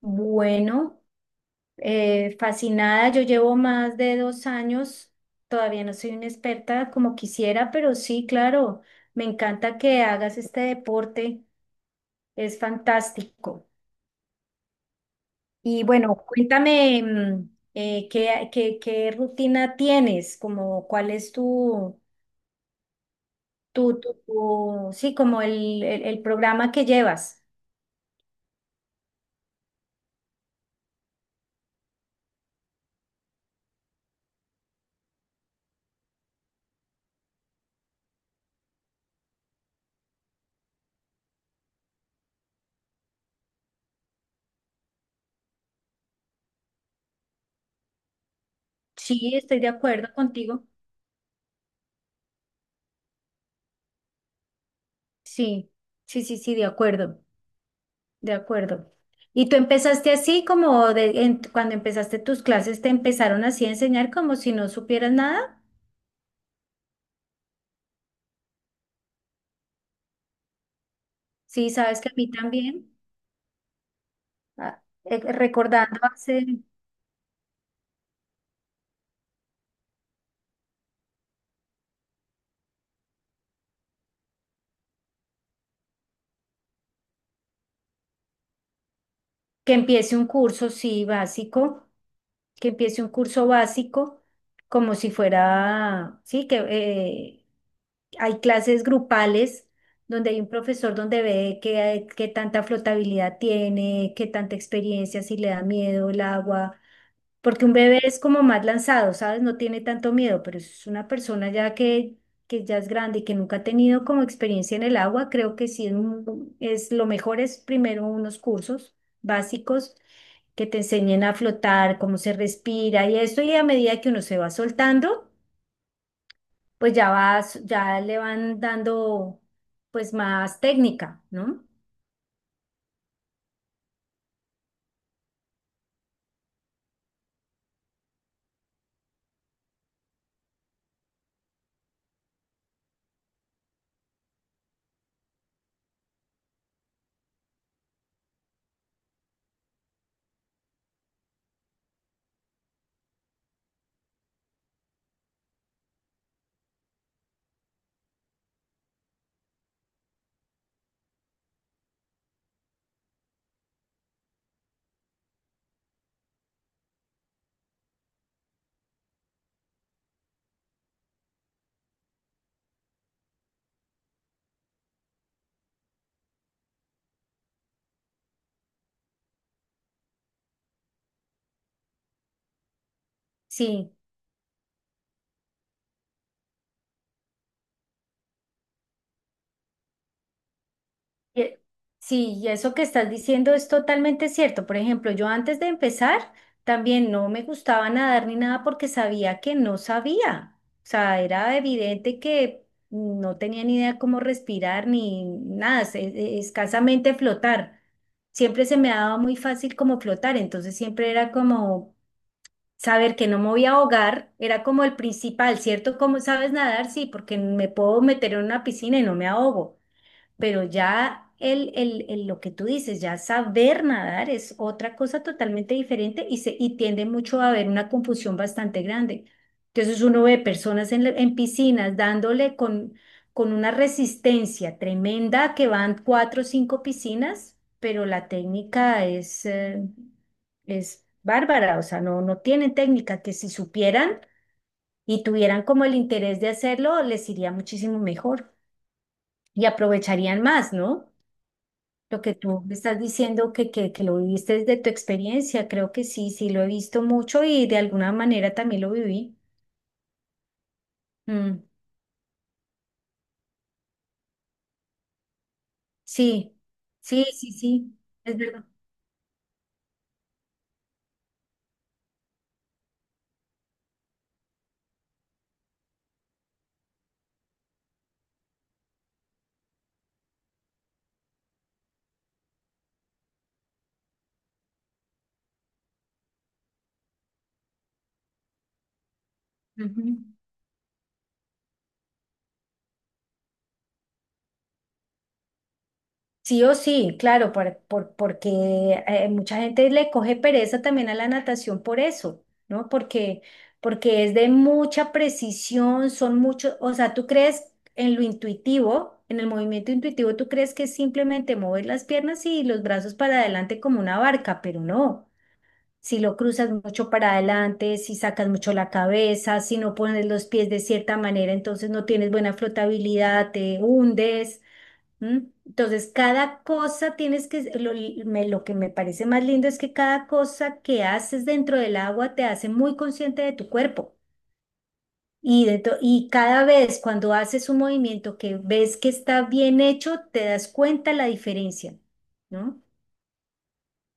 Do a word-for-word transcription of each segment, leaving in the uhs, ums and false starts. Bueno, eh, fascinada, yo llevo más de dos años, todavía no soy una experta como quisiera, pero sí, claro, me encanta que hagas este deporte, es fantástico. Y bueno, cuéntame, mm, eh, ¿qué, qué, qué rutina tienes? Como, ¿cuál es tu, tu, tu, tu- sí, como el, el, el programa que llevas? Sí, estoy de acuerdo contigo. Sí, sí, sí, sí, de acuerdo. De acuerdo. ¿Y tú empezaste así como de, en- cuando empezaste tus clases te empezaron así a enseñar como si no supieras nada? Sí, sabes que a mí también. ah, eh, recordando hace que empiece un curso, sí, básico, que empiece un curso básico, como si fuera, sí, que eh, hay clases grupales donde hay un profesor donde ve qué, qué tanta flotabilidad tiene, qué tanta experiencia, si le da miedo el agua. Porque un bebé es como más lanzado, ¿sabes? No tiene tanto miedo, pero es una persona ya que, que ya es grande y que nunca ha tenido como experiencia en el agua, creo que sí es, mu- es lo mejor es primero unos cursos básicos que te enseñen a flotar, cómo se respira y esto, y a medida que uno se va soltando, pues ya vas, ya le van dando pues más técnica, ¿no? Sí. Y- Sí, y eso que estás diciendo es totalmente cierto. Por ejemplo, yo antes de empezar también no me gustaba nadar ni nada porque sabía que no sabía. O sea, era evidente que no tenía ni idea cómo respirar ni nada, es- es- escasamente flotar. Siempre se me daba muy fácil como flotar, entonces siempre era como saber que no me voy a ahogar, era como el principal, ¿cierto? ¿Cómo sabes nadar? Sí, porque me puedo meter en una piscina y no me ahogo, pero ya el, el, el- lo que tú dices, ya saber nadar es otra cosa totalmente diferente y, se, y tiende mucho a haber una confusión bastante grande. Entonces uno ve personas en, la- en piscinas dándole con, con una resistencia tremenda que van cuatro o cinco piscinas, pero la técnica es, eh, es bárbara, o sea, no, no tienen técnica que si supieran y tuvieran como el interés de hacerlo, les iría muchísimo mejor y aprovecharían más, ¿no? Lo que tú me estás diciendo que, que, que lo viviste desde tu experiencia, creo que sí, sí, lo he visto mucho y de alguna manera también lo viví. Mm, sí, sí, sí, sí, es verdad. Ujú. Sí o sí, claro, por- por- porque eh, mucha gente le coge pereza también a la natación por eso, ¿no? Porque, porque es de mucha precisión, son muchos, o sea, tú crees en lo intuitivo, en el movimiento intuitivo, tú crees que es simplemente mover las piernas y los brazos para adelante como una barca, pero no. Si lo cruzas mucho para adelante, si sacas mucho la cabeza, si no pones los pies de cierta manera, entonces no tienes buena flotabilidad, te hundes. ¿M? Entonces, cada cosa tienes que, lo, me- lo que me parece más lindo es que cada cosa que haces dentro del agua te hace muy consciente de tu cuerpo. Y, de to- y cada vez cuando haces un movimiento que ves que está bien hecho, te das cuenta la diferencia, ¿no?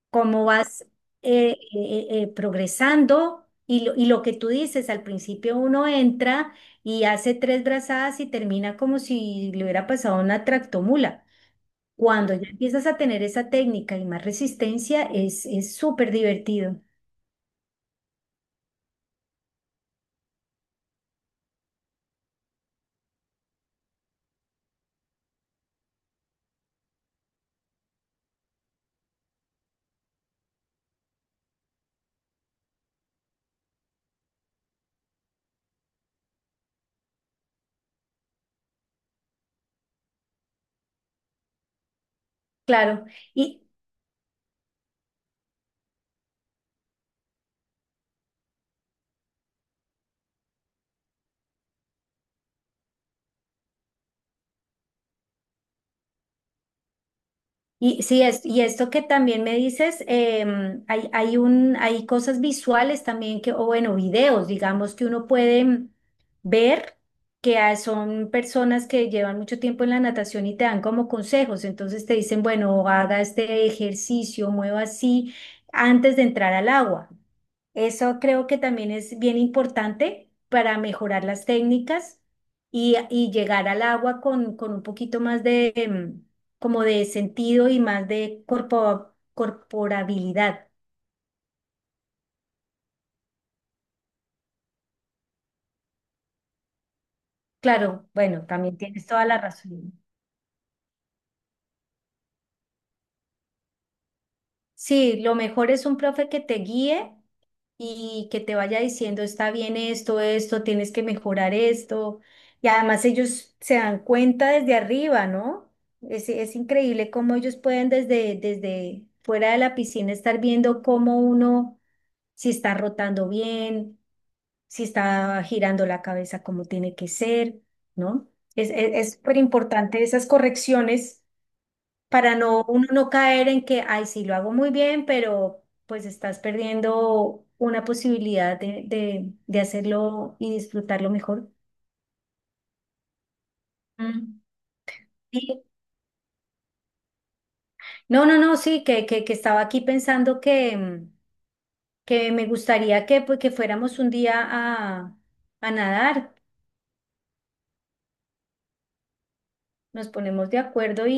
Cómo vas eh, eh, eh, eh, progresando y lo, y lo que tú dices, al principio uno entra y hace tres brazadas y termina como si le hubiera pasado una tractomula. Cuando ya empiezas a tener esa técnica y más resistencia, es es súper divertido. Claro. Y Y sí, es, y esto que también me dices, em, hay, hay un, hay cosas visuales también que, o bueno, videos, digamos, que uno puede mm, ver, que ah, son personas que llevan mucho tiempo en la natación y te dan como consejos. Entonces te dicen, bueno, haga este ejercicio, mueva así antes de entrar al agua. Eso creo que también es bien importante para mejorar las técnicas y, y llegar al agua con, con un poquito más de, em, como de sentido y más de corpo- corporabilidad. Claro, bueno, también tienes toda la razón. Sí, lo mejor es un profe que te guíe y que te vaya diciendo, está bien esto, esto, tienes que mejorar esto. Y además ellos se dan cuenta desde arriba, ¿no? Es, es increíble cómo ellos pueden desde, desde fuera de la piscina estar viendo cómo uno, si está rotando bien, si está girando la cabeza como tiene que ser, ¿no? Es, es, es súper importante esas correcciones para no, uno no caer en que, ay, sí, lo hago muy bien, pero pues estás perdiendo una posibilidad de, de, de hacerlo y disfrutarlo mejor. Mm. Sí. No, no, no, sí, que, que, que estaba aquí pensando que, mm, que me gustaría que, pues, que fuéramos un día a, a nadar. Nos ponemos de acuerdo y,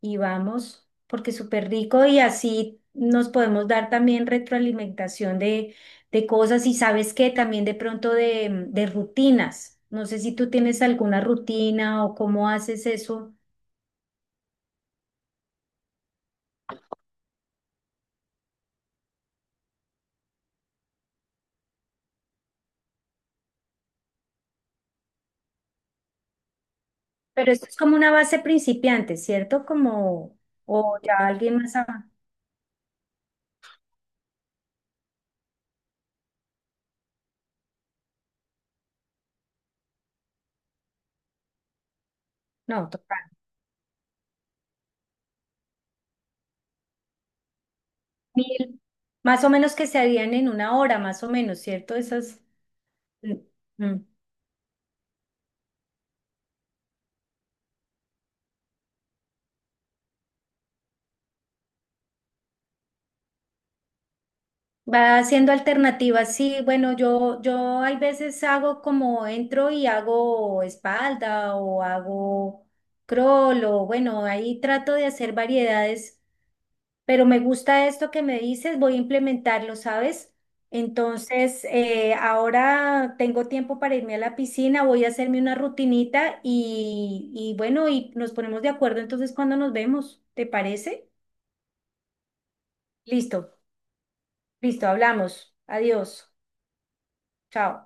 y, y vamos, porque es súper rico y así nos podemos dar también retroalimentación de, de cosas y sabes qué, también de pronto de, de rutinas. No sé si tú tienes alguna rutina o cómo haces eso, pero esto es como una base principiante, ¿cierto? Como, o ya alguien más, av- no, total, mil, más o menos que se harían en una hora, más o menos, ¿cierto? Esas. Mm, mm. Va haciendo alternativas, sí, bueno, yo, yo hay veces hago como entro y hago espalda o hago crawl o bueno, ahí trato de hacer variedades, pero me gusta esto que me dices, voy a implementarlo, ¿sabes? Entonces, eh, ahora tengo tiempo para irme a la piscina, voy a hacerme una rutinita y, y bueno, y nos ponemos de acuerdo entonces cuando nos vemos, ¿te parece? Listo, listo, hablamos, adiós, chao.